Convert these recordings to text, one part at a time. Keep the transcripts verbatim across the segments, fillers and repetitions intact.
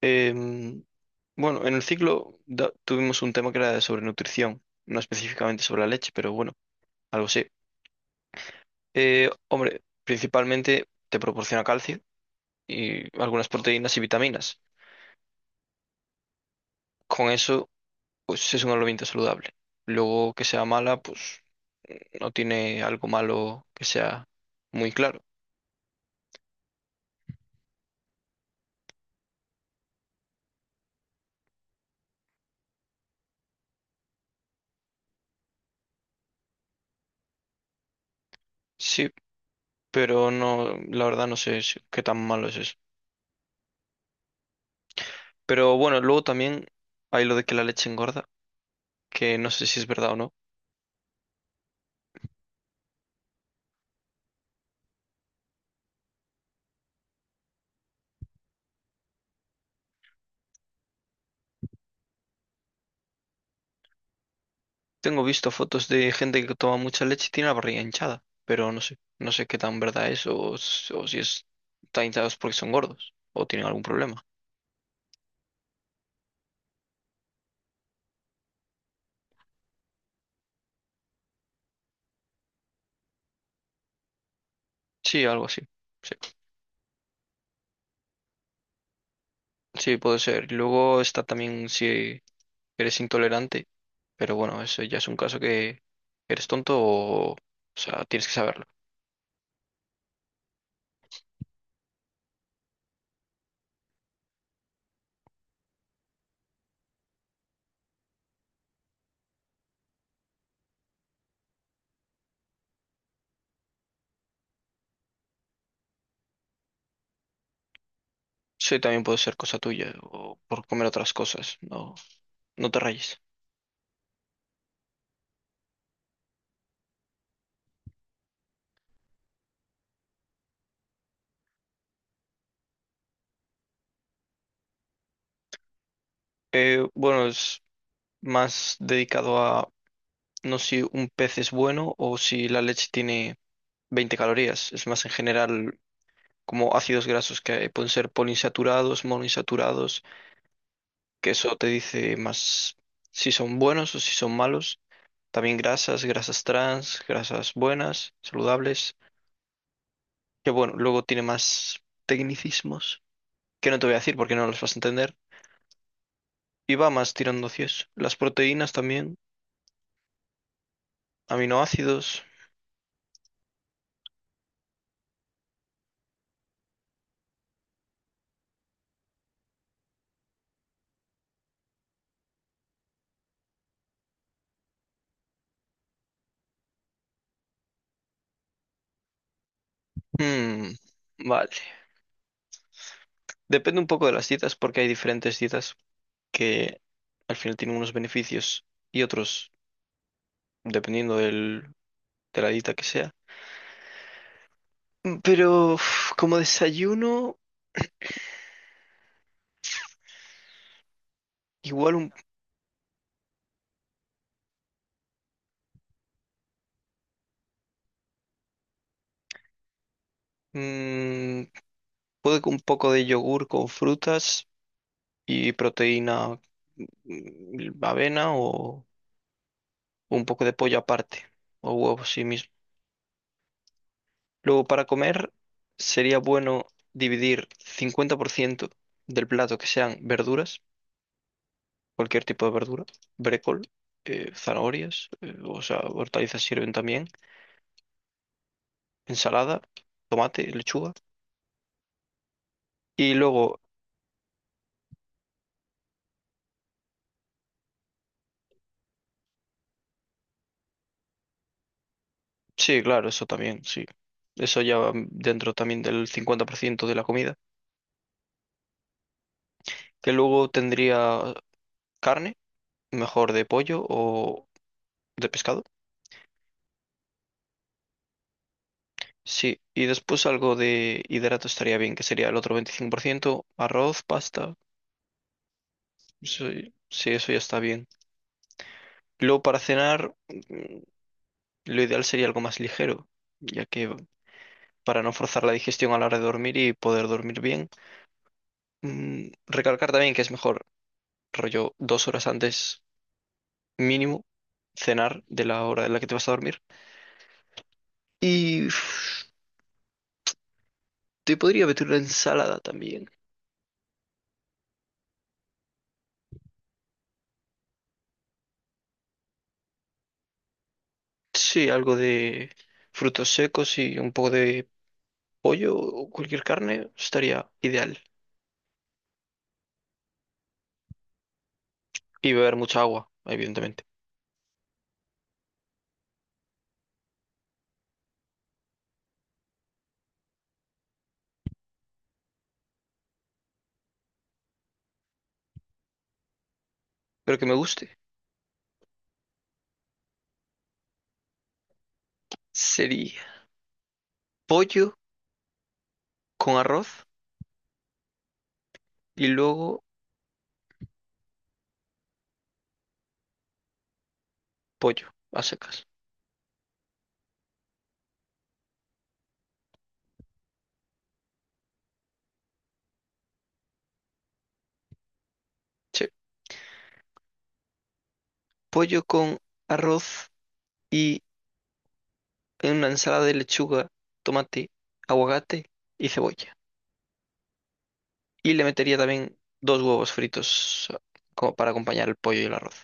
Em, bueno, en el ciclo da- tuvimos un tema que era sobre nutrición, no específicamente sobre la leche, pero bueno, algo sí. Eh, hombre, principalmente te proporciona calcio y algunas proteínas y vitaminas. Con eso, pues es un alimento saludable. Luego que sea mala, pues no tiene algo malo que sea muy claro. Sí, pero no, la verdad no sé si- qué tan malo es eso. Pero bueno, luego también hay lo de que la leche engorda, que no sé si es verdad o no. Tengo visto fotos de gente que toma mucha leche y tiene la barriga hinchada, pero no sé, no sé qué tan verdad es o, s- o si es, están hinchados porque son gordos o tienen algún problema. Sí, algo así. Sí, sí, puede ser. Luego está también si eres intolerante, pero bueno, eso ya es un caso que eres tonto o, o sea, tienes que saberlo. Sí, también puede ser cosa tuya o por comer otras cosas, no, no te rayes. Eh, bueno, es más dedicado a no si un pez es bueno o si la leche tiene veinte calorías. Es más en general como ácidos grasos que pueden ser poliinsaturados, monoinsaturados, que eso te dice más si son buenos o si son malos. También grasas, grasas trans, grasas buenas, saludables. Que bueno, luego tiene más tecnicismos que no te voy a decir porque no los vas a entender. Y va más tirando hacia eso. Las proteínas también, aminoácidos. Hmm, vale. Depende un poco de las dietas porque hay diferentes dietas que al final tiene unos beneficios y otros dependiendo del, de la dieta que sea. Mm, Pero uf, como desayuno, igual un, mm, puede que un poco de yogur con frutas y proteína, mm, avena o un poco de pollo aparte o huevos sí mismo. Luego para comer sería bueno dividir cincuenta por ciento del plato que sean verduras, cualquier tipo de verdura, brécol, eh, zanahorias, eh, o sea, hortalizas sirven también, ensalada, tomate, lechuga. Y luego, sí, claro, eso también, sí. Eso ya va dentro también del cincuenta por ciento de la comida. Que luego tendría carne, mejor de pollo o de pescado. Sí, y después algo de hidrato estaría bien, que sería el otro veinticinco por ciento, arroz, pasta. Eso- sí, eso ya está bien. Luego para cenar, mm, lo ideal sería algo más ligero, ya que para no forzar la digestión a la hora de dormir y poder dormir bien. Mm, recalcar también que es mejor, rollo, dos horas antes mínimo, cenar de la hora en la que te vas a dormir. Y uf, te podría meter una ensalada también. Sí, algo de frutos secos y un poco de pollo o cualquier carne estaría ideal. Y beber mucha agua, evidentemente. Pero que me guste sería pollo con arroz y luego pollo a secas. Sí, pollo con arroz y una ensalada de lechuga, tomate, aguacate y cebolla. Y le metería también dos huevos fritos como para acompañar el pollo y el arroz.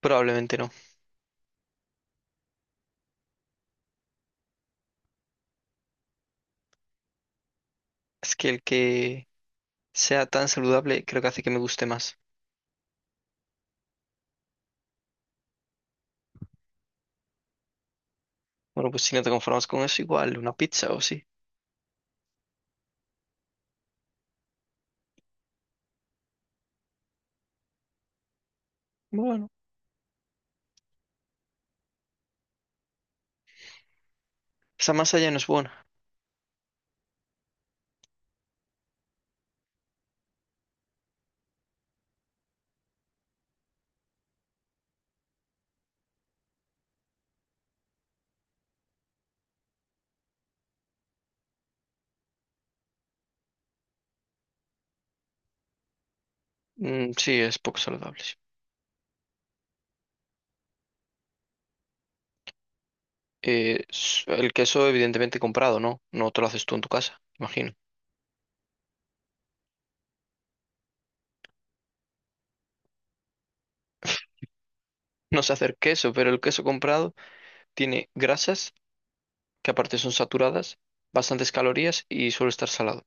Probablemente no. Es que el que sea tan saludable creo que hace que me guste más. Bueno, pues si no te conformas con eso, igual una pizza o sí. Bueno, esa masa ya no es buena. Mm, sí, es poco saludable, sí. Eh, s- el queso evidentemente comprado, ¿no? No te lo haces tú en tu casa, imagino. No sé hacer queso, pero el queso comprado tiene grasas que aparte son saturadas, bastantes calorías y suele estar salado.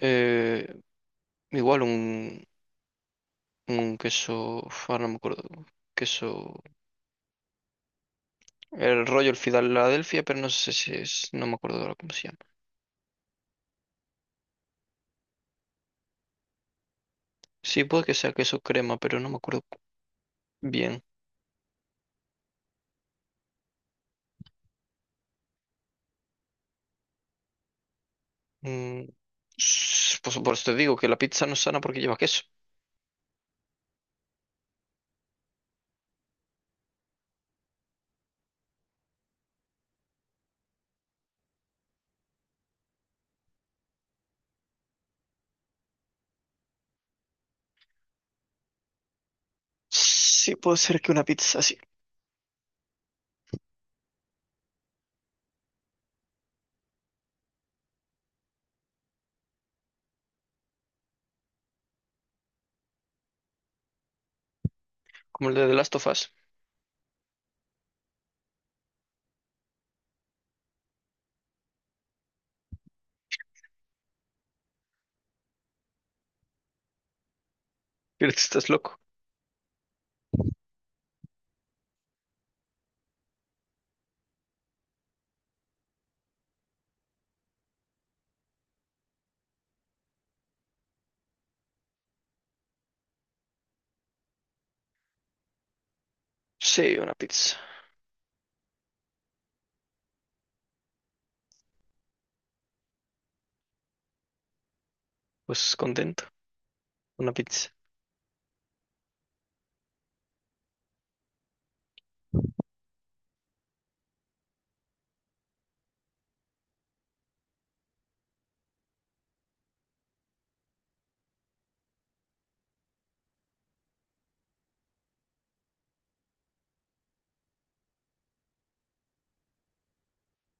Eh, igual un, un queso, uf, ahora no me acuerdo, queso, el rollo, el Filadelfia, pero no sé si es, no me acuerdo ahora cómo se llama. Sí, puede que sea queso crema, pero no me acuerdo bien. Mm, s- pues por eso te digo que la pizza no es sana porque lleva queso. Sí, puede ser que una pizza así, como el de The Last of Us. Pero tú estás loco. Sí, una pizza. Pues contento, una pizza.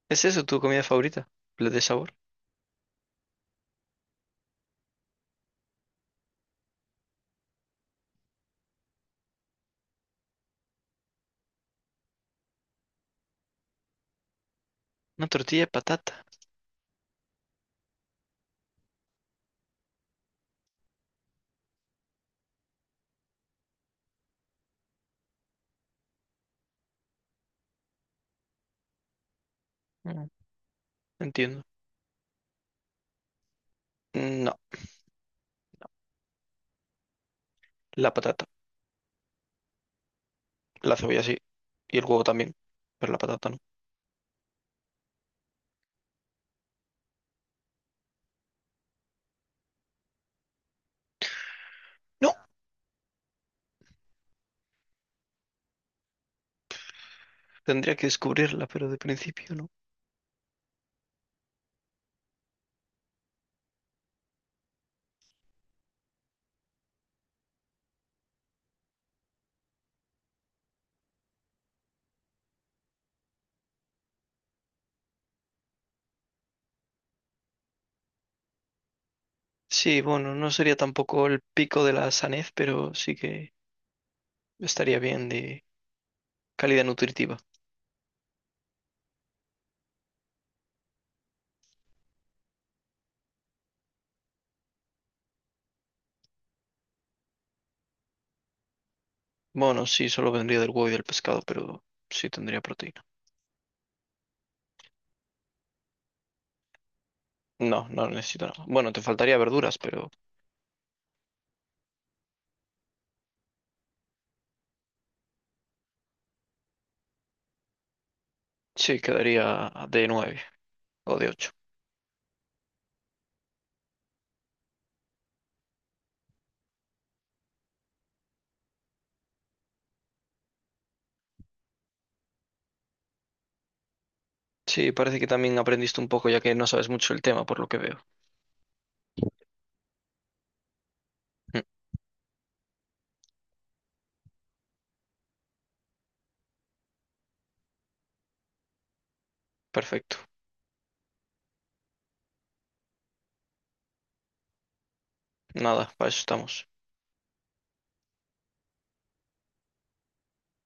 ¿Es eso tu comida favorita? ¿La de sabor? Una tortilla de patata. Mm, entiendo. No, la patata. La cebolla sí. Y el huevo también. Pero la patata no. No, tendría que descubrirla, pero de principio no. Sí, bueno, no sería tampoco el pico de la sanez, pero sí que estaría bien de calidad nutritiva. Bueno, sí, solo vendría del huevo y del pescado, pero sí tendría proteína. No, no necesito nada. Bueno, te faltaría verduras, pero sí quedaría de nueve o de ocho. Sí, parece que también aprendiste un poco ya que no sabes mucho el tema, por lo que veo. Mm, perfecto. Nada, para eso estamos.